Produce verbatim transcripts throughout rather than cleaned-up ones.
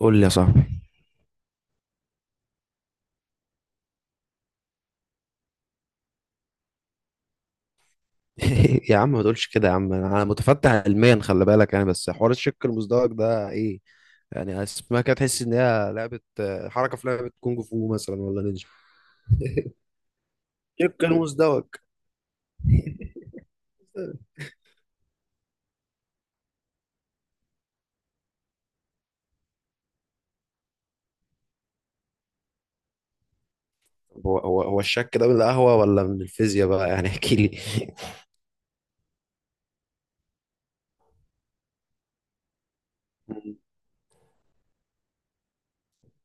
قول لي يا صاحبي. يا عم ما تقولش كده، يا عم انا متفتح علميا، خلي بالك. يعني بس حوار الشق المزدوج ده ايه؟ يعني اسمها كده تحس ان هي لعبه، آه، حركه في لعبه كونج فو مثلا ولا نينجا. الشق المزدوج. هو هو هو الشك ده من القهوه ولا من الفيزياء بقى؟ يعني احكي لي.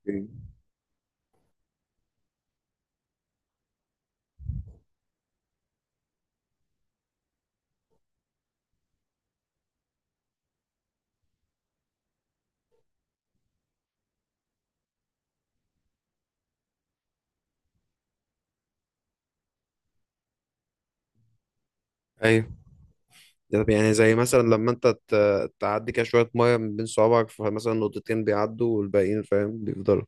ايوه. ده يعني زي مثلا لما انت ت- تعدي كده شويه ميه من بين صوابعك، فمثلا نقطتين بيعدوا والباقيين، فاهم، بيفضلوا.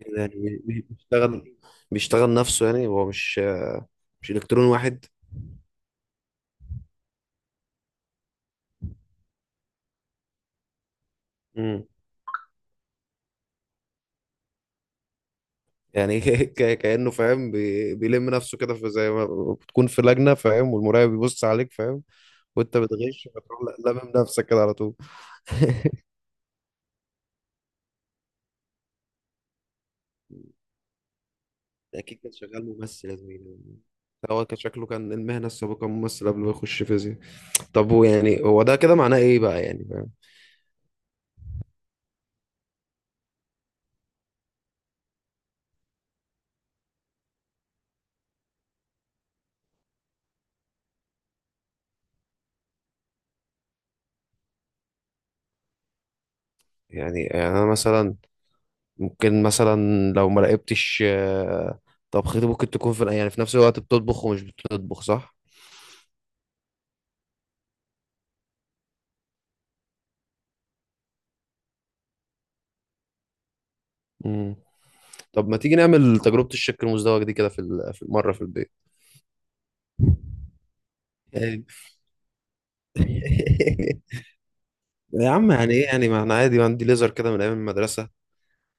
يعني بي- بي- بيشتغل، بيشتغل نفسه، يعني هو مش مش الكترون واحد. امم يعني، ك- كأنه فاهم، بي- بيلم نفسه كده، في زي ما بتكون في لجنة، فاهم، والمراقب بيبص عليك، فاهم، وانت بتغش، فتروح لا- لامم نفسك كده على طول. اكيد كان شغال ممثل يا زميلي. هو كان شكله كان المهنة السابقة ممثل قبل ما يخش فيزياء. طب هو يعني هو ده كده معناه ايه بقى، يعني فاهم؟ يعني، يعني انا مثلا ممكن مثلا لو ما راقبتش، آه، طبختي ممكن تكون في، يعني في نفس الوقت بتطبخ ومش بتطبخ، صح؟ مم. طب ما تيجي نعمل تجربة الشك المزدوج دي كده في ال- في مرة في البيت؟ يعني- يا عم، يعني ايه، يعني ما احنا عادي، ما عندي ليزر كده من ايام المدرسة،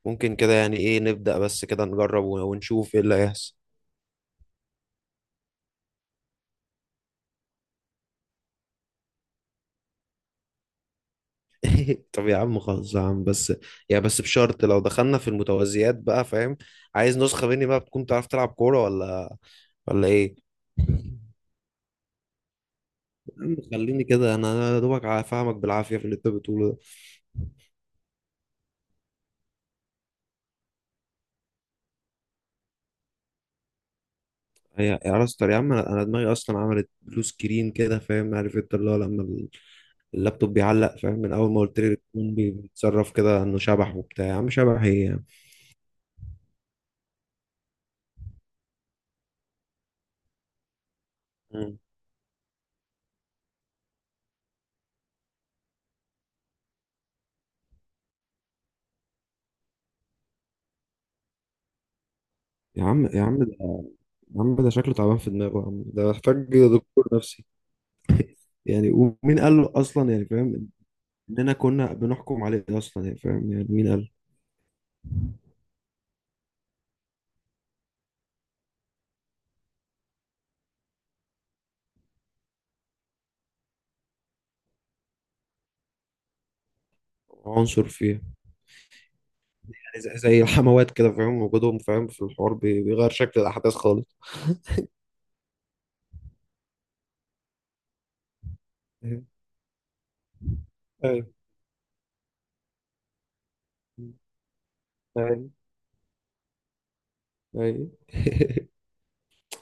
ممكن كده يعني ايه نبدأ بس كده نجرب ون- ونشوف ايه اللي هيحصل. طب يا عم خلاص يا عم بس، يا بس بشرط لو دخلنا في المتوازيات بقى، فاهم؟ عايز نسخة مني بقى بتكون تعرف تلعب كورة ولا ولا ايه. يا عم خليني كده، انا يا دوبك ع- فاهمك بالعافيه في اللي انت بتقوله ده. هي يا راستر يا عم، انا أنا دماغي اصلا عملت بلو سكرين كده، فاهم، عارف انت اللي هو لما ال- اللابتوب بيعلق، فاهم، من اول ما قلت لي التليفون بي- بيتصرف كده انه شبح وبتاع، يا عم شبح ايه يعني؟ مم. يا عم، يا عم ده، يا عم ده شكله تعبان في دماغه، يا عم ده محتاج دكتور نفسي. يعني ومين قال له اصلا، يعني فاهم، اننا كنا بنحكم عليه اصلا، يعني فاهم، يعني مين قال؟ عنصر فيه. زي زي الحموات كده، فاهم، وجودهم، فاهم، في الحوار بي- بيغير شكل الأحداث خالص. أيوه، أيوه، أيوه.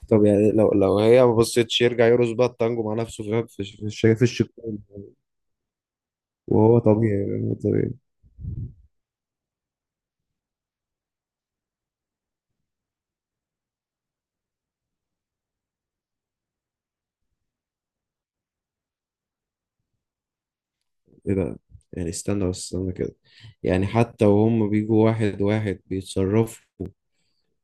طب يعني لو لو هي ما بصيتش يرجع يرقص بقى التانجو مع نفسه، فاهم، في في الش- في الشكون. وهو طبيعي، فاهم؟ هو طبيعي. ايه ده؟ يعني استنى بس استنى كده، يعني حتى وهم بيجوا واحد واحد بيتصرفوا،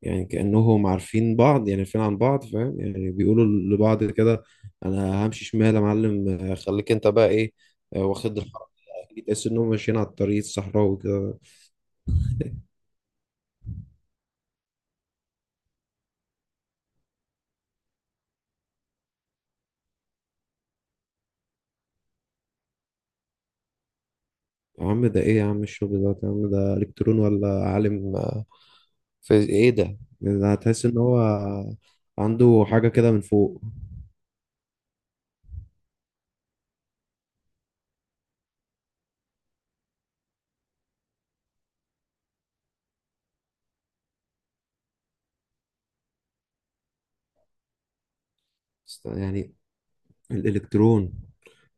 يعني كأنهم عارفين بعض، يعني عارفين عن بعض، فاهم، يعني بيقولوا لبعض كده: انا همشي شمال يا معلم، آه، خليك انت بقى ايه، آه، واخد الحركة دي. تحس انهم ماشيين على الطريق الصحراوي كده. يا عم ده ايه يا عم الشغل ده، يا عم ده الكترون ولا عالم، آه، في ايه ده؟ يعني ده هتحس ان هو عنده حاجة كده من فوق. است- يعني الالكترون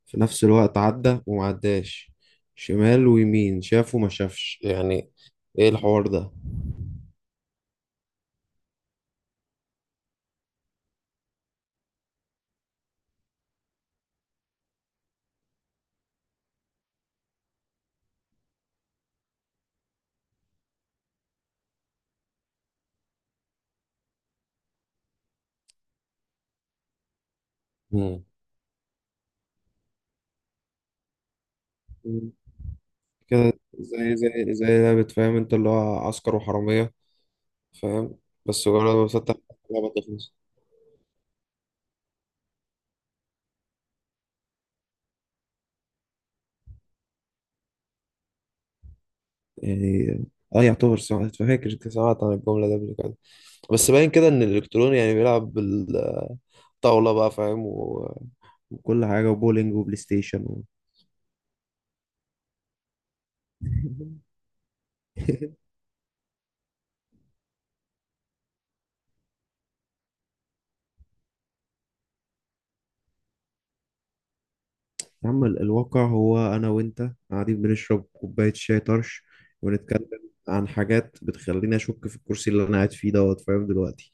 في نفس الوقت عدى وما عداش، شمال ويمين، شاف وما شافش يعني، ايه الحوار ده؟ مم. مم. كده زي زي زي لعبة، فاهم، انت اللي هو عسكر وحرامية، فاهم، بس مجرد ما بسطح اللعبة تخلص. يعني اه يعتبر سمعت، فاكر كنت سمعت عن الجملة دي قبل كده، بس باين كده ان الالكتروني يعني بيلعب بالطاولة بقى، فاهم، و... وكل حاجة وبولينج وبلاي ستيشن و... يا عم ال- الواقع هو انا وانت قاعدين بنشرب كوباية شاي طرش، ونتكلم عن حاجات بتخليني اشك في الكرسي اللي انا قاعد فيه دوت، فاهم، دلوقتي.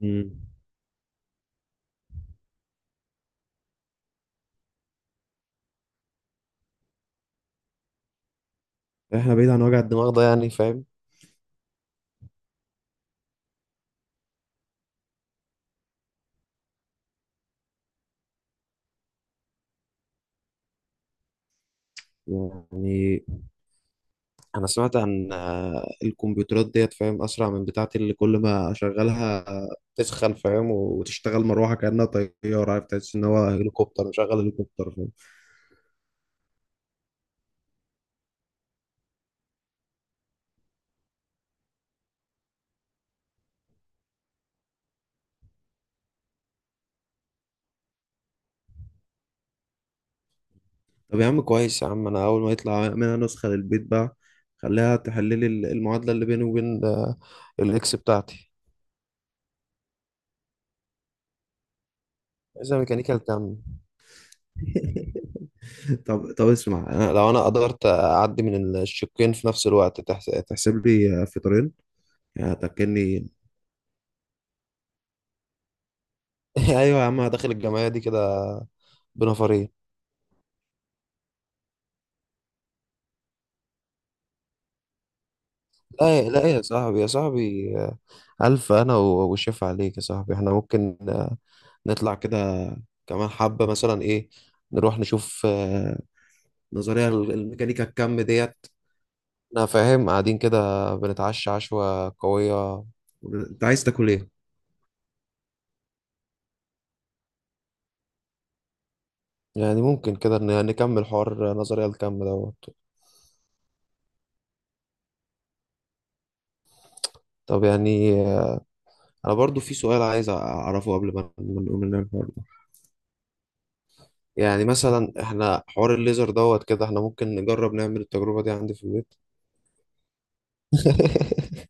مم. احنا بعيد عن وجع الدماغ ده يعني، فاهم. يعني انا سمعت عن، آه، الكمبيوترات ديت، فاهم، اسرع من بتاعتي اللي كل ما اشغلها آه، تسخن، فاهم، وتشتغل مروحه كانها طياره، عارف، تحس ان هو هليكوبتر، مشغل هليكوبتر، فاهم. طب يا عم كويس يا عم، انا اول ما يطلع منها نسخه للبيت بقى، خليها تحل لي ال- المعادله اللي بيني وبين، آه، الاكس بتاعتي. اذا ميكانيكال كام. طب طب اسمع، أنا لو انا قدرت اعدي من الشقين في نفس الوقت تحس- تحسب لي آه، فطرين، يعني هتاكلني؟ ايوه يا عم، داخل الجمعيه دي كده، بنفرين. لا، لا يا صاحبي، يا صاحبي الف، انا و- وشيف عليك يا صاحبي. احنا ممكن نطلع كده كمان حبه مثلا، ايه، نروح نشوف، آه، نظريه الميكانيكا الكم ديت. انا فاهم، قاعدين كده بنتعشى عشوه قويه. انت عايز تاكل ايه؟ يعني ممكن كده ن- نكمل حوار نظريه الكم دوت. طب يعني، آه، انا برضو في سؤال عايز اعرفه قبل ما ما نقوم من الحوار. يعني مثلا احنا حوار الليزر دوت كده، احنا ممكن نجرب نعمل التجربة دي عندي في البيت؟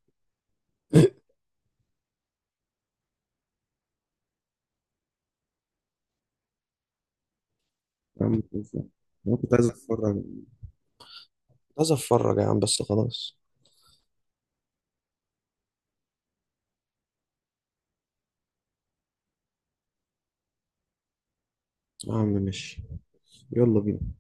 يا عم خلصان. انا كنت عايز اتفرج، كنت عايز اتفرج يا عم، بس خلاص. يا عم ماشي، يلا بينا.